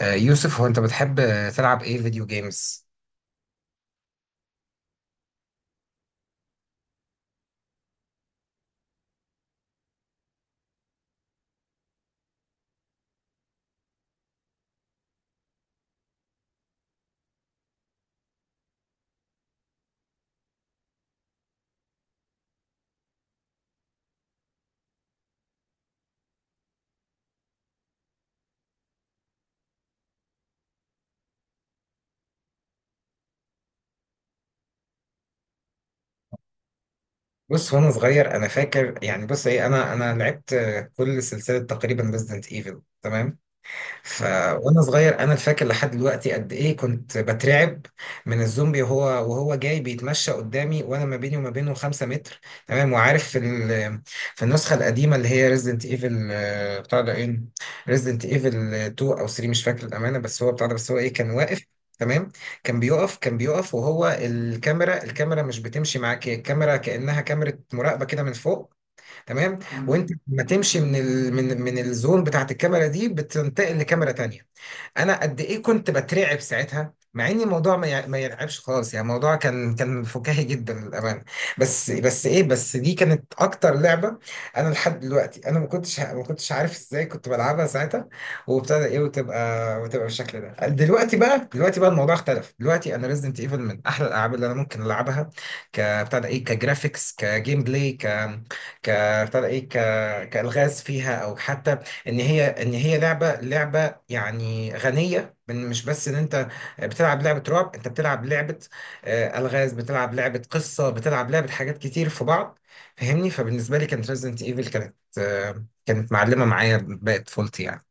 يوسف، هو انت بتحب تلعب ايه فيديو جيمز؟ بص، وانا صغير انا فاكر، يعني بص ايه، انا لعبت كل سلسله تقريبا ريزدنت ايفل، تمام. ف وانا صغير انا فاكر لحد دلوقتي قد ايه كنت بترعب من الزومبي وهو جاي بيتمشى قدامي، وانا ما بيني وما بينه 5 متر، تمام. وعارف في النسخه القديمه اللي هي ريزدنت ايفل، بتاع ده ايه ريزدنت ايفل 2 او 3، مش فاكر الامانه، بس هو بتاع ده بس هو ايه كان واقف، تمام. كان بيقف وهو، الكاميرا مش بتمشي معاك، هي الكاميرا كأنها كاميرا مراقبة كده من فوق، تمام. وانت لما تمشي من من الزون بتاعت الكاميرا دي، بتنتقل لكاميرا تانية. انا قد ايه كنت بترعب ساعتها، مع ان الموضوع ما يرعبش خالص، يعني الموضوع كان فكاهي جدا للامانه. بس دي كانت اكتر لعبه، انا لحد دلوقتي انا ما كنتش عارف ازاي كنت بلعبها ساعتها. وابتدى ايه وتبقى وتبقى بالشكل ده. دلوقتي بقى الموضوع اختلف، دلوقتي انا ريزدنت ايفل من احلى الالعاب اللي انا ممكن العبها، كبتاع ده ايه كجرافيكس، كجيم بلاي ك ك بتاع ده ايه ك كالغاز فيها، او حتى ان هي لعبه، يعني غنية، من مش بس ان انت بتلعب لعبة رعب، انت بتلعب لعبة الغاز، بتلعب لعبة قصة، بتلعب لعبة حاجات كتير في بعض، فاهمني؟ فبالنسبة لي كانت ريزدنت ايفل كانت معلمة معايا باقي طفولتي يعني.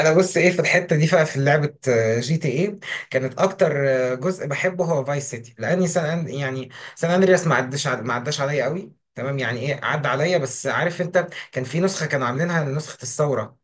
انا بص ايه، في الحتة دي بقى، في لعبة جي تي ايه كانت اكتر جزء بحبه هو فايس سيتي، لاني سان أن- يعني سان اندرياس ما عداش عليا قوي، تمام. يعني ايه، عدى عليا، بس عارف انت، كان في نسخة كانوا عاملينها لنسخة الثورة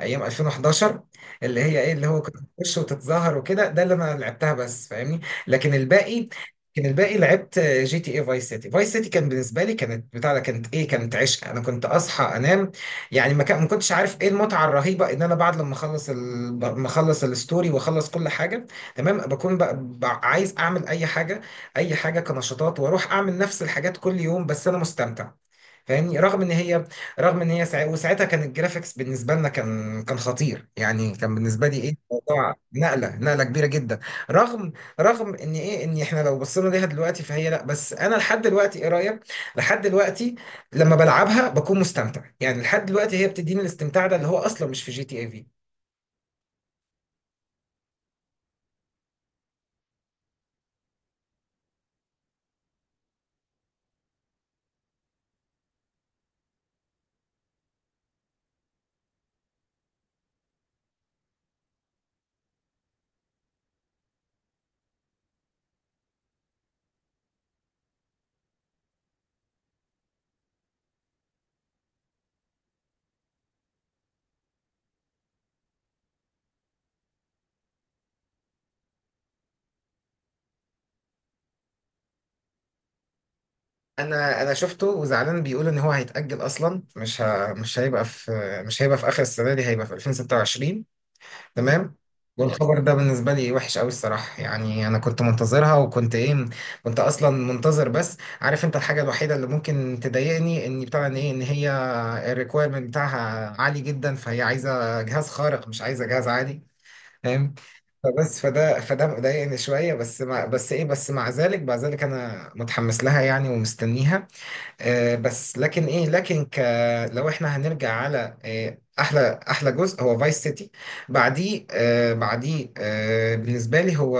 ايام 2011، اللي هي ايه، اللي هو اه، كنت بتخش وتتظاهر وكده، ده اللي انا لعبتها بس، فاهمني. لكن الباقي لكن الباقي لعبت جي تي اي فايس سيتي. فايس سيتي كان بالنسبه لي، كانت بتاع ده كانت ايه كانت عشق. انا كنت اصحى انام يعني، ما كنتش عارف ايه المتعه الرهيبه، ان انا بعد لما اخلص ما اخلص الستوري واخلص كل حاجه، تمام، بكون بقى عايز اعمل اي حاجه، اي حاجه كنشاطات، واروح اعمل نفس الحاجات كل يوم، بس انا مستمتع، فاهمني؟ رغم ان هي ساعة، وساعتها كان الجرافيكس بالنسبه لنا كان خطير، يعني كان بالنسبه لي ايه، موضوع نقله كبيره جدا. رغم رغم ان احنا لو بصينا ليها دلوقتي فهي لا، بس انا لحد دلوقتي، ايه رايك، لحد دلوقتي لما بلعبها بكون مستمتع، يعني لحد دلوقتي هي بتديني الاستمتاع ده، اللي هو اصلا مش في جي تي اي في. انا شفته، وزعلان بيقول ان هو هيتاجل، اصلا مش هيبقى في اخر السنه دي، هيبقى في 2026، تمام. والخبر ده بالنسبة لي وحش قوي الصراحة، يعني أنا كنت منتظرها، وكنت إيه كنت أصلا منتظر، بس عارف أنت الحاجة الوحيدة اللي ممكن تضايقني، إن هي الريكويرمنت بتاعها عالي جدا، فهي عايزة جهاز خارق، مش عايزة جهاز عادي، فاهم. فبس فده فده مضايقني شوية، بس مع ذلك أنا متحمس لها يعني، ومستنيها. آه، بس لكن ايه لكن ك لو احنا هنرجع على احلى جزء، هو فايس سيتي. بعديه آه، بعديه آه، بالنسبه لي هو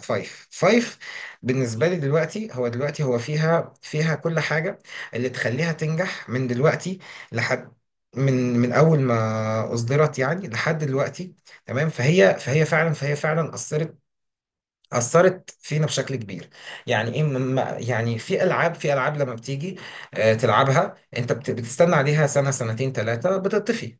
فايف. بالنسبه لي دلوقتي، هو فيها كل حاجه اللي تخليها تنجح، من دلوقتي لحد، من اول ما اصدرت يعني لحد دلوقتي، تمام. فهي فعلا اثرت، أثرت فينا بشكل كبير، يعني إيه ما- يعني في ألعاب، في ألعاب لما بتيجي تلعبها، أنت بتستنى عليها سنة، 2، 3، بتطفي.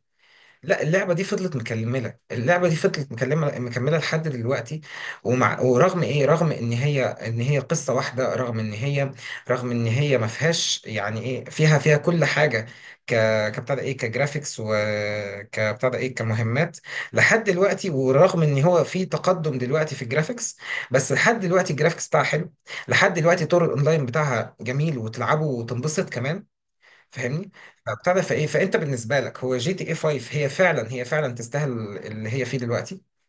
لا، اللعبة دي فضلت مكملة، اللعبة دي فضلت مكملة مكملة لحد دلوقتي، ورغم ايه، رغم ان هي قصة واحدة، رغم ان هي ما فيهاش يعني ايه، فيها كل حاجة، ك كبتاع ده ايه كجرافيكس، وكبتاع ده ايه كمهمات لحد دلوقتي. ورغم ان هو في تقدم دلوقتي في الجرافيكس، بس لحد دلوقتي الجرافيكس بتاعها حلو، لحد دلوقتي طور الاونلاين بتاعها جميل، وتلعبه وتنبسط كمان، فاهمني؟ فبتاع ده فايه فانت بالنسبه لك هو جي تي اي 5، هي فعلا تستاهل اللي هي فيه دلوقتي.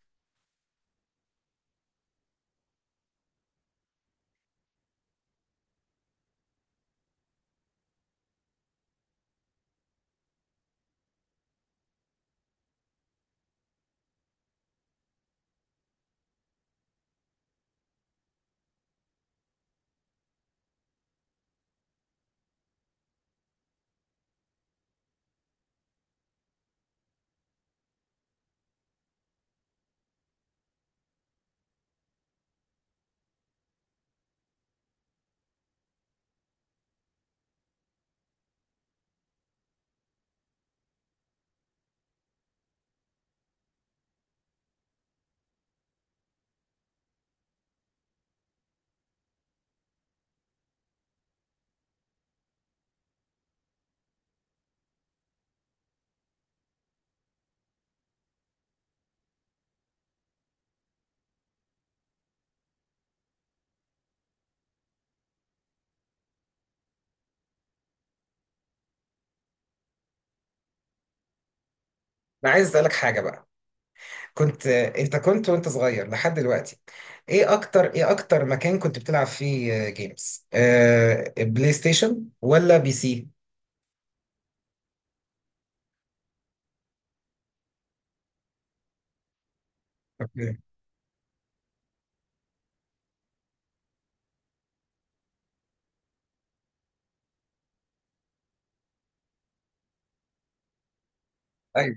انا عايز اسالك حاجه بقى. انت كنت وانت صغير لحد دلوقتي، ايه اكتر مكان كنت بتلعب فيه جيمز، بلاي ستيشن ولا بي سي؟ اوكي، ايوه.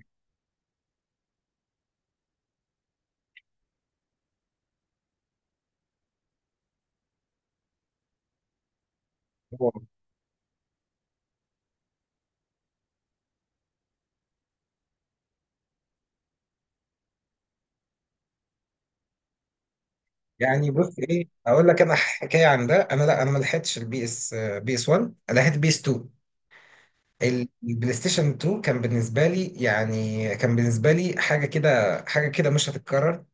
هو. يعني بص ايه، اقول لك انا حكايه عن ده. انا لا، انا ما لحقتش البي اس آه، بي اس 1، لحقت بي اس 2. البلاي ستيشن 2 كان بالنسبه لي يعني، كان بالنسبه لي حاجه كده، حاجه كده مش هتتكرر.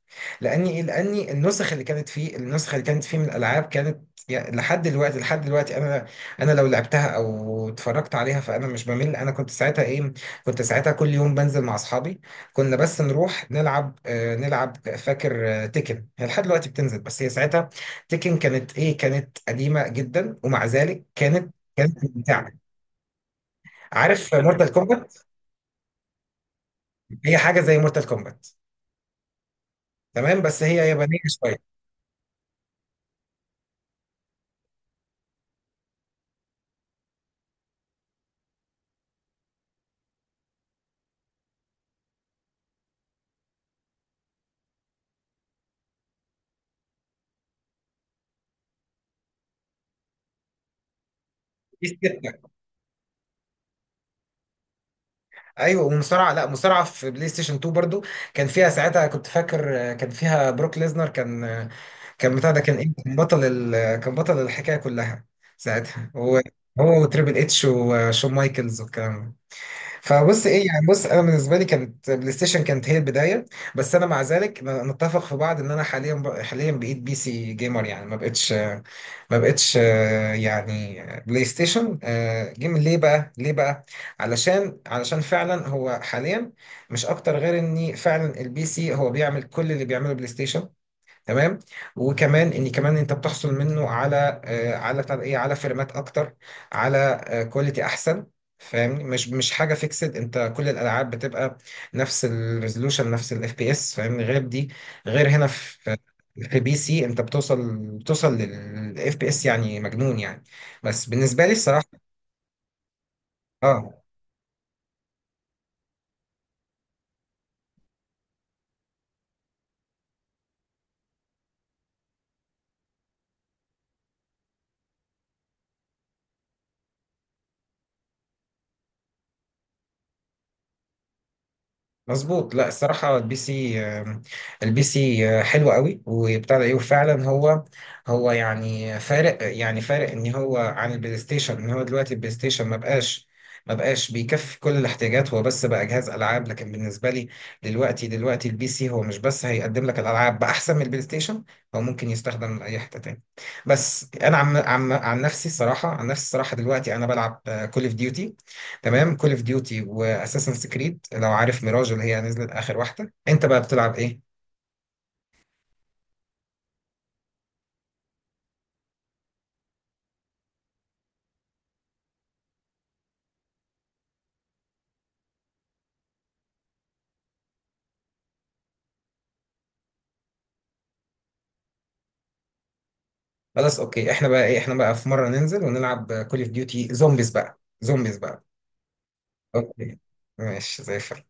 لاني إيه؟ لاني النسخ اللي كانت فيه، النسخ اللي كانت فيه من الالعاب كانت، يعني لحد دلوقتي، لحد دلوقتي انا، انا لو لعبتها او اتفرجت عليها فانا مش بمل. انا كنت ساعتها ايه، كنت ساعتها كل يوم بنزل مع اصحابي، كنا بس نروح نلعب نلعب، فاكر، تيكن، هي لحد دلوقتي بتنزل، بس هي ساعتها تيكن كانت قديمه جدا، ومع ذلك كانت ممتعه. عارف مورتال كومبات؟ هي حاجه زي مورتال كومبات، تمام، بس هي يابانيه شويه. في ستة. ايوه، ومصارعه لا مصارعه في بلاي ستيشن 2 برضو، كان فيها ساعتها كنت فاكر، كان فيها بروك ليزنر، كان آه، كان بتاع ده كان ايه كان بطل كان بطل الحكايه كلها ساعتها، هو، هو وتريبل اتش وشون مايكلز والكلام ده. فبص ايه، يعني بص، انا بالنسبه لي كانت بلاي ستيشن كانت هي البدايه، بس انا مع ذلك نتفق في بعض، ان انا حاليا حاليا بقيت بي سي جيمر يعني، ما بقتش، بلاي ستيشن جيم، ليه بقى، علشان فعلا هو حاليا مش اكتر، غير ان فعلا البي سي هو بيعمل كل اللي بيعمله بلاي ستيشن، تمام، وكمان، كمان انت بتحصل منه على على بتاع ده ايه على فريمات اكتر، على كواليتي احسن، فاهمني؟ مش حاجه فيكسد، انت كل الالعاب بتبقى نفس الريزولوشن، نفس الاف بي اس، فاهمني؟ غير دي، غير هنا في، في بي سي انت بتوصل للاف بي اس يعني مجنون يعني، بس بالنسبه لي الصراحه، اه. مظبوط، لا الصراحة البي سي حلو قوي، وبتاع ده ايه وفعلا هو، هو يعني فارق، يعني فارق ان هو عن البلاي ستيشن، ان هو دلوقتي البلاي ستيشن ما بقاش، ما بقاش بيكفي كل الاحتياجات، هو بس بقى جهاز العاب، لكن بالنسبة لي دلوقتي، دلوقتي البي سي هو مش بس هيقدم لك الالعاب باحسن من البلاي ستيشن، هو ممكن يستخدم من اي حتة تاني. بس انا عم عم عن نفسي الصراحة، عن نفسي الصراحة دلوقتي انا بلعب كول اوف ديوتي، تمام، كول اوف ديوتي واساسن كريد لو عارف، ميراج اللي هي نزلت اخر واحده، انت بقى بتلعب ايه؟ خلاص، اوكي، احنا بقى ايه، احنا بقى في مره ننزل ونلعب كول اوف ديوتي زومبيز بقى، زومبيز بقى. اوكي، ماشي زي الفل.